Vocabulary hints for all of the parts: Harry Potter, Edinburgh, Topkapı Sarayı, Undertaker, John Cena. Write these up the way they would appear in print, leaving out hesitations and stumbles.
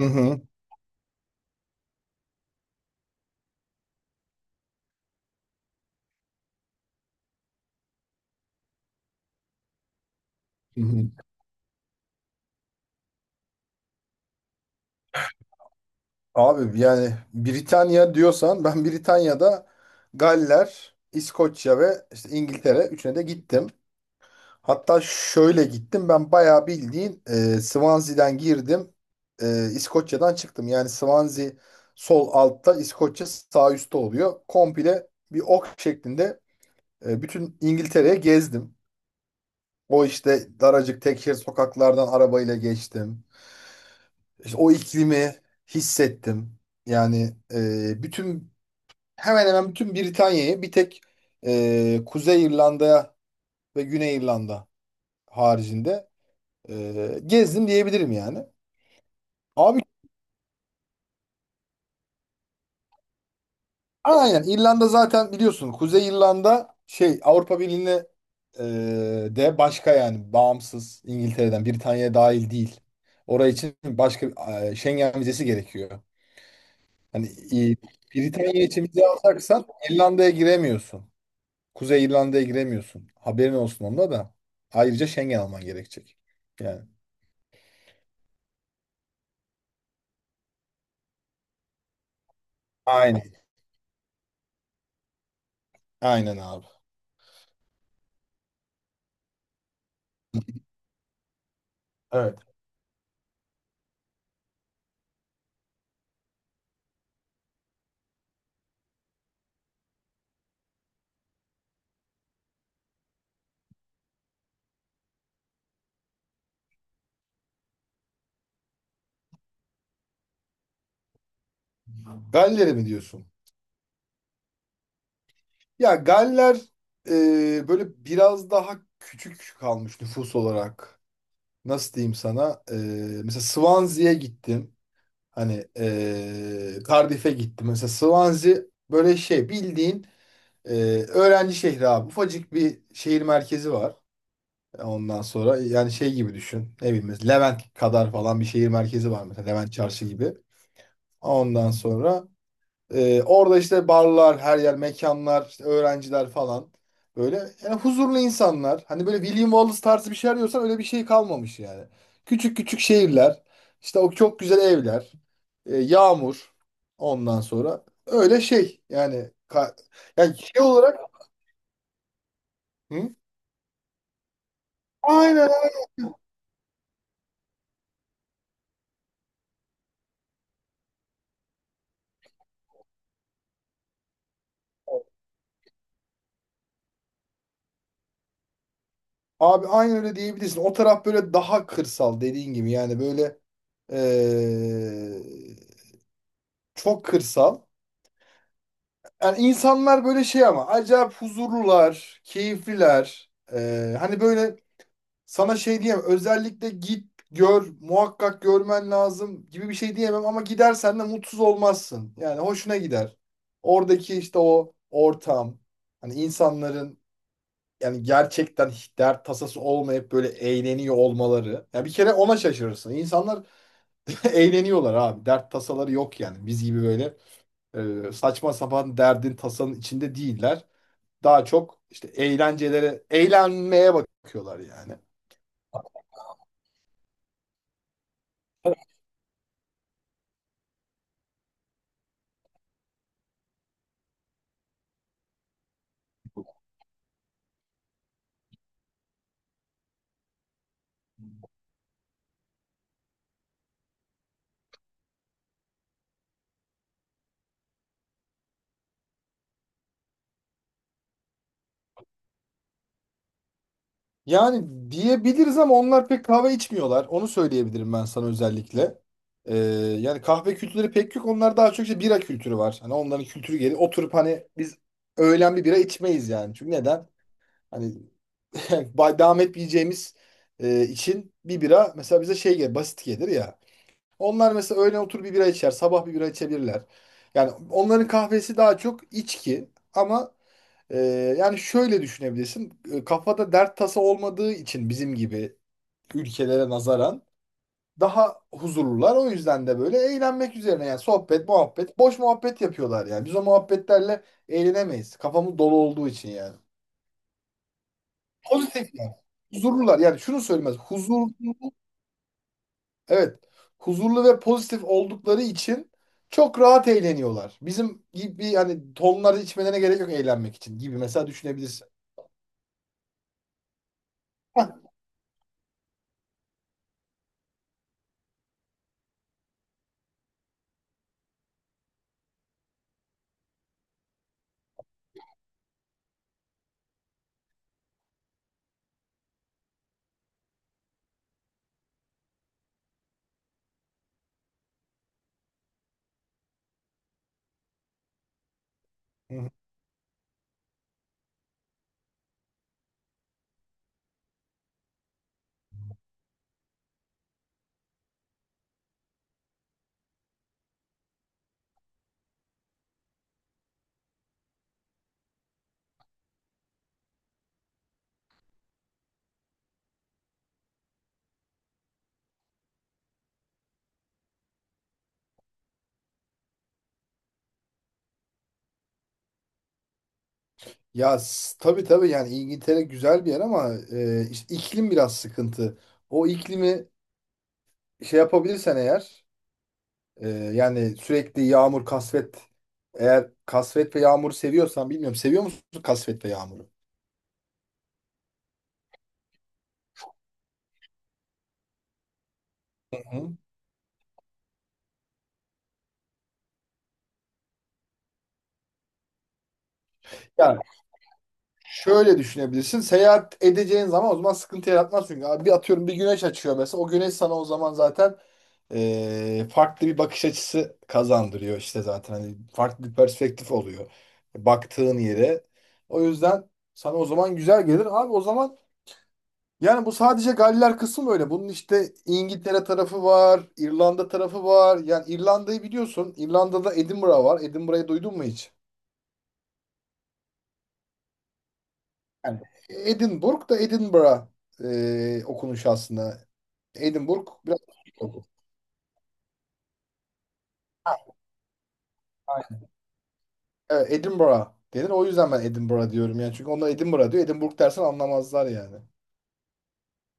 Hı hı. Hı hı. Abi yani Britanya diyorsan ben Britanya'da Galler, İskoçya ve işte İngiltere üçüne de gittim. Hatta şöyle gittim ben bayağı bildiğin Swansea'den girdim, İskoçya'dan çıktım. Yani Swansea sol altta, İskoçya sağ üstte oluyor. Komple bir ok şeklinde bütün İngiltere'ye gezdim. O işte daracık tek şerit sokaklardan arabayla geçtim. İşte o iklimi hissettim. Yani e, bütün hemen hemen bütün Britanya'yı, bir tek Kuzey İrlanda ve Güney İrlanda haricinde, gezdim diyebilirim yani. Abi aynen, İrlanda zaten biliyorsun, Kuzey İrlanda şey, Avrupa Birliği'ne e, de başka, yani bağımsız, İngiltere'den, Britanya'ya dahil değil. Oraya için başka Schengen vizesi gerekiyor. Hani e, Britanya için vize alacaksan İrlanda'ya giremiyorsun. Kuzey İrlanda'ya giremiyorsun. Haberin olsun onda da. Ayrıca Schengen alman gerekecek. Yani. Aynen. Aynen abi. Evet. Galler'e mi diyorsun? Ya Galler böyle biraz daha küçük kalmış nüfus olarak. Nasıl diyeyim sana? Mesela Swansea'ya gittim. Hani Cardiff'e gittim. Mesela Swansea böyle şey bildiğin e, öğrenci şehri abi. Ufacık bir şehir merkezi var. Ondan sonra yani şey gibi düşün. Ne bileyim, mesela Levent kadar falan bir şehir merkezi var, mesela Levent Çarşı gibi. Ondan sonra orada işte barlar, her yer mekanlar, işte öğrenciler falan. Böyle yani huzurlu insanlar. Hani böyle William Wallace tarzı bir şey arıyorsan, öyle bir şey kalmamış yani. Küçük küçük şehirler, işte o çok güzel evler, yağmur. Ondan sonra öyle şey yani yani şey olarak. Hı? Aynen. Abi aynı öyle diyebilirsin. O taraf böyle daha kırsal dediğin gibi. Yani böyle eee, çok kırsal. Yani insanlar böyle şey ama acayip huzurlular, keyifliler. Hani böyle sana şey diyemem. Özellikle git gör, muhakkak görmen lazım gibi bir şey diyemem. Ama gidersen de mutsuz olmazsın. Yani hoşuna gider. Oradaki işte o ortam, hani insanların yani gerçekten hiç dert tasası olmayıp böyle eğleniyor olmaları. Ya bir kere ona şaşırırsın. İnsanlar eğleniyorlar abi. Dert tasaları yok yani. Biz gibi böyle saçma sapan derdin tasanın içinde değiller. Daha çok işte eğlencelere, eğlenmeye bakıyorlar yani. Yani diyebiliriz, ama onlar pek kahve içmiyorlar. Onu söyleyebilirim ben sana özellikle. E, Yani kahve kültürleri pek yok. Onlar daha çok işte bira kültürü var. Hani onların kültürü, geri oturup, hani biz öğlen bir bira içmeyiz yani. Çünkü neden? Hani devam etmeyeceğimiz için bir bira mesela bize şey gelir, basit gelir ya. Onlar mesela öğlen otur bir bira içer, sabah bir bira içebilirler. Yani onların kahvesi daha çok içki ama e, yani şöyle düşünebilirsin. Kafada dert tasa olmadığı için bizim gibi ülkelere nazaran daha huzurlular. O yüzden de böyle eğlenmek üzerine yani sohbet, muhabbet, boş muhabbet yapıyorlar yani. Biz o muhabbetlerle eğlenemeyiz. Kafamız dolu olduğu için yani. Pozitif yani. Huzurlular yani şunu söylemez. Huzur. Evet. Huzurlu ve pozitif oldukları için çok rahat eğleniyorlar. Bizim gibi hani tonları içmelerine gerek yok eğlenmek için gibi mesela düşünebilirsin. Hı hı. Ya tabii tabii, yani İngiltere güzel bir yer ama işte iklim biraz sıkıntı. O iklimi şey yapabilirsen eğer. Yani sürekli yağmur, kasvet. Eğer kasvet ve yağmuru seviyorsan bilmiyorum. Seviyor musun kasvet ve yağmuru? Hı hı. Yani şöyle düşünebilirsin. Seyahat edeceğin zaman o zaman sıkıntı yaratmaz çünkü. Abi bir atıyorum, bir güneş açıyor mesela. O güneş sana o zaman zaten farklı bir bakış açısı kazandırıyor işte zaten. Hani farklı bir perspektif oluyor. Baktığın yere. O yüzden sana o zaman güzel gelir. Abi o zaman. Yani bu sadece Galler kısmı öyle. Bunun işte İngiltere tarafı var, İrlanda tarafı var. Yani İrlanda'yı biliyorsun. İrlanda'da Edinburgh var. Edinburgh'ı duydun mu hiç? Yani Edinburgh, da Edinburgh okunuşu aslında. Edinburgh biraz oku. Evet, Edinburgh denir. O yüzden ben Edinburgh diyorum yani. Çünkü onlar Edinburgh diyor. Edinburgh dersen anlamazlar yani.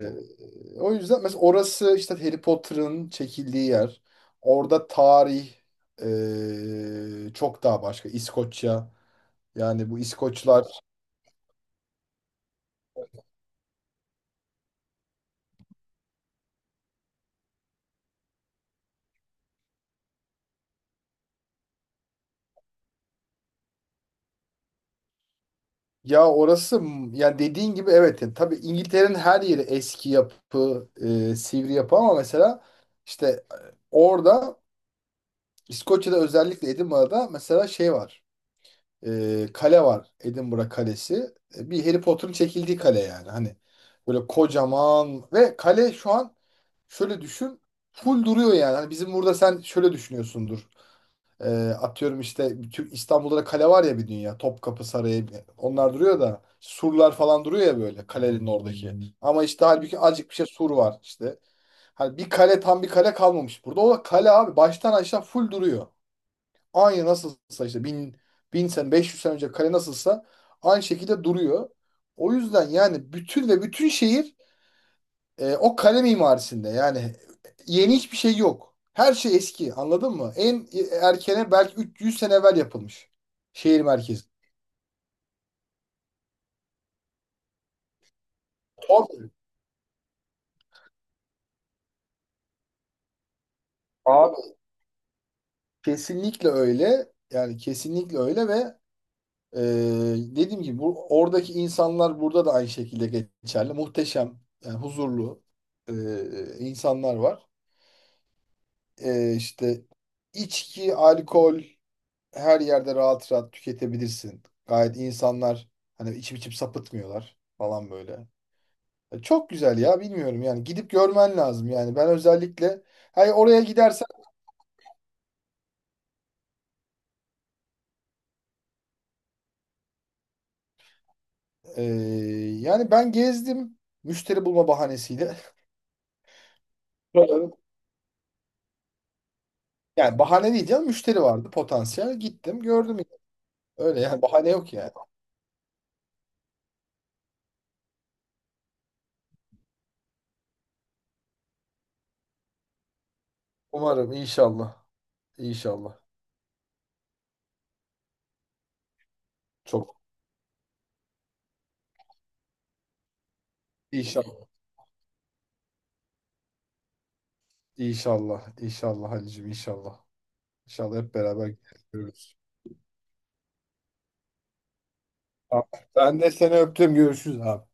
Ee, O yüzden mesela orası işte Harry Potter'ın çekildiği yer. Orada tarih çok daha başka. İskoçya. Yani bu İskoçlar, ya orası yani dediğin gibi, evet, yani tabii, İngiltere'nin her yeri eski yapı, sivri yapı, ama mesela işte orada, İskoçya'da özellikle Edinburgh'da mesela şey var. Kale var, Edinburgh Kalesi. Bir Harry Potter'ın çekildiği kale yani. Hani böyle kocaman ve kale şu an, şöyle düşün, full duruyor yani. Hani bizim burada sen şöyle düşünüyorsundur. Ee, Atıyorum işte Türk, İstanbul'da da kale var ya, bir dünya. Topkapı Sarayı, onlar duruyor da, surlar falan duruyor ya böyle kalenin oradaki. Hmm. Ama işte halbuki azıcık bir şey sur var işte. Hani bir kale, tam bir kale kalmamış burada. O kale abi baştan aşağı full duruyor. Aynı nasılsa işte bin sene, 500 sene önce kale nasılsa aynı şekilde duruyor. O yüzden yani bütün, ve bütün şehir o kale mimarisinde yani. Yeni hiçbir şey yok. Her şey eski, anladın mı? En erkene belki 300 sene evvel yapılmış şehir merkezi. Tabii. Abi kesinlikle öyle. Yani kesinlikle öyle ve e, dediğim gibi bu, oradaki insanlar burada da aynı şekilde geçerli. Muhteşem, yani huzurlu insanlar var. İşte içki, alkol her yerde rahat rahat tüketebilirsin. Gayet insanlar hani içip içip sapıtmıyorlar falan böyle. Çok güzel ya, bilmiyorum, yani gidip görmen lazım yani, ben özellikle hani oraya gidersen. e, Yani ben gezdim müşteri bulma bahanesiyle. Buraların- Yani bahane değil canım, müşteri vardı potansiyel, gittim gördüm, öyle yani, bahane yok yani. Umarım, inşallah, inşallah çok, inşallah inşallah inşallah Halicim, inşallah inşallah hep beraber görürüz. Tamam. Ben de seni öptüm. Görüşürüz abi.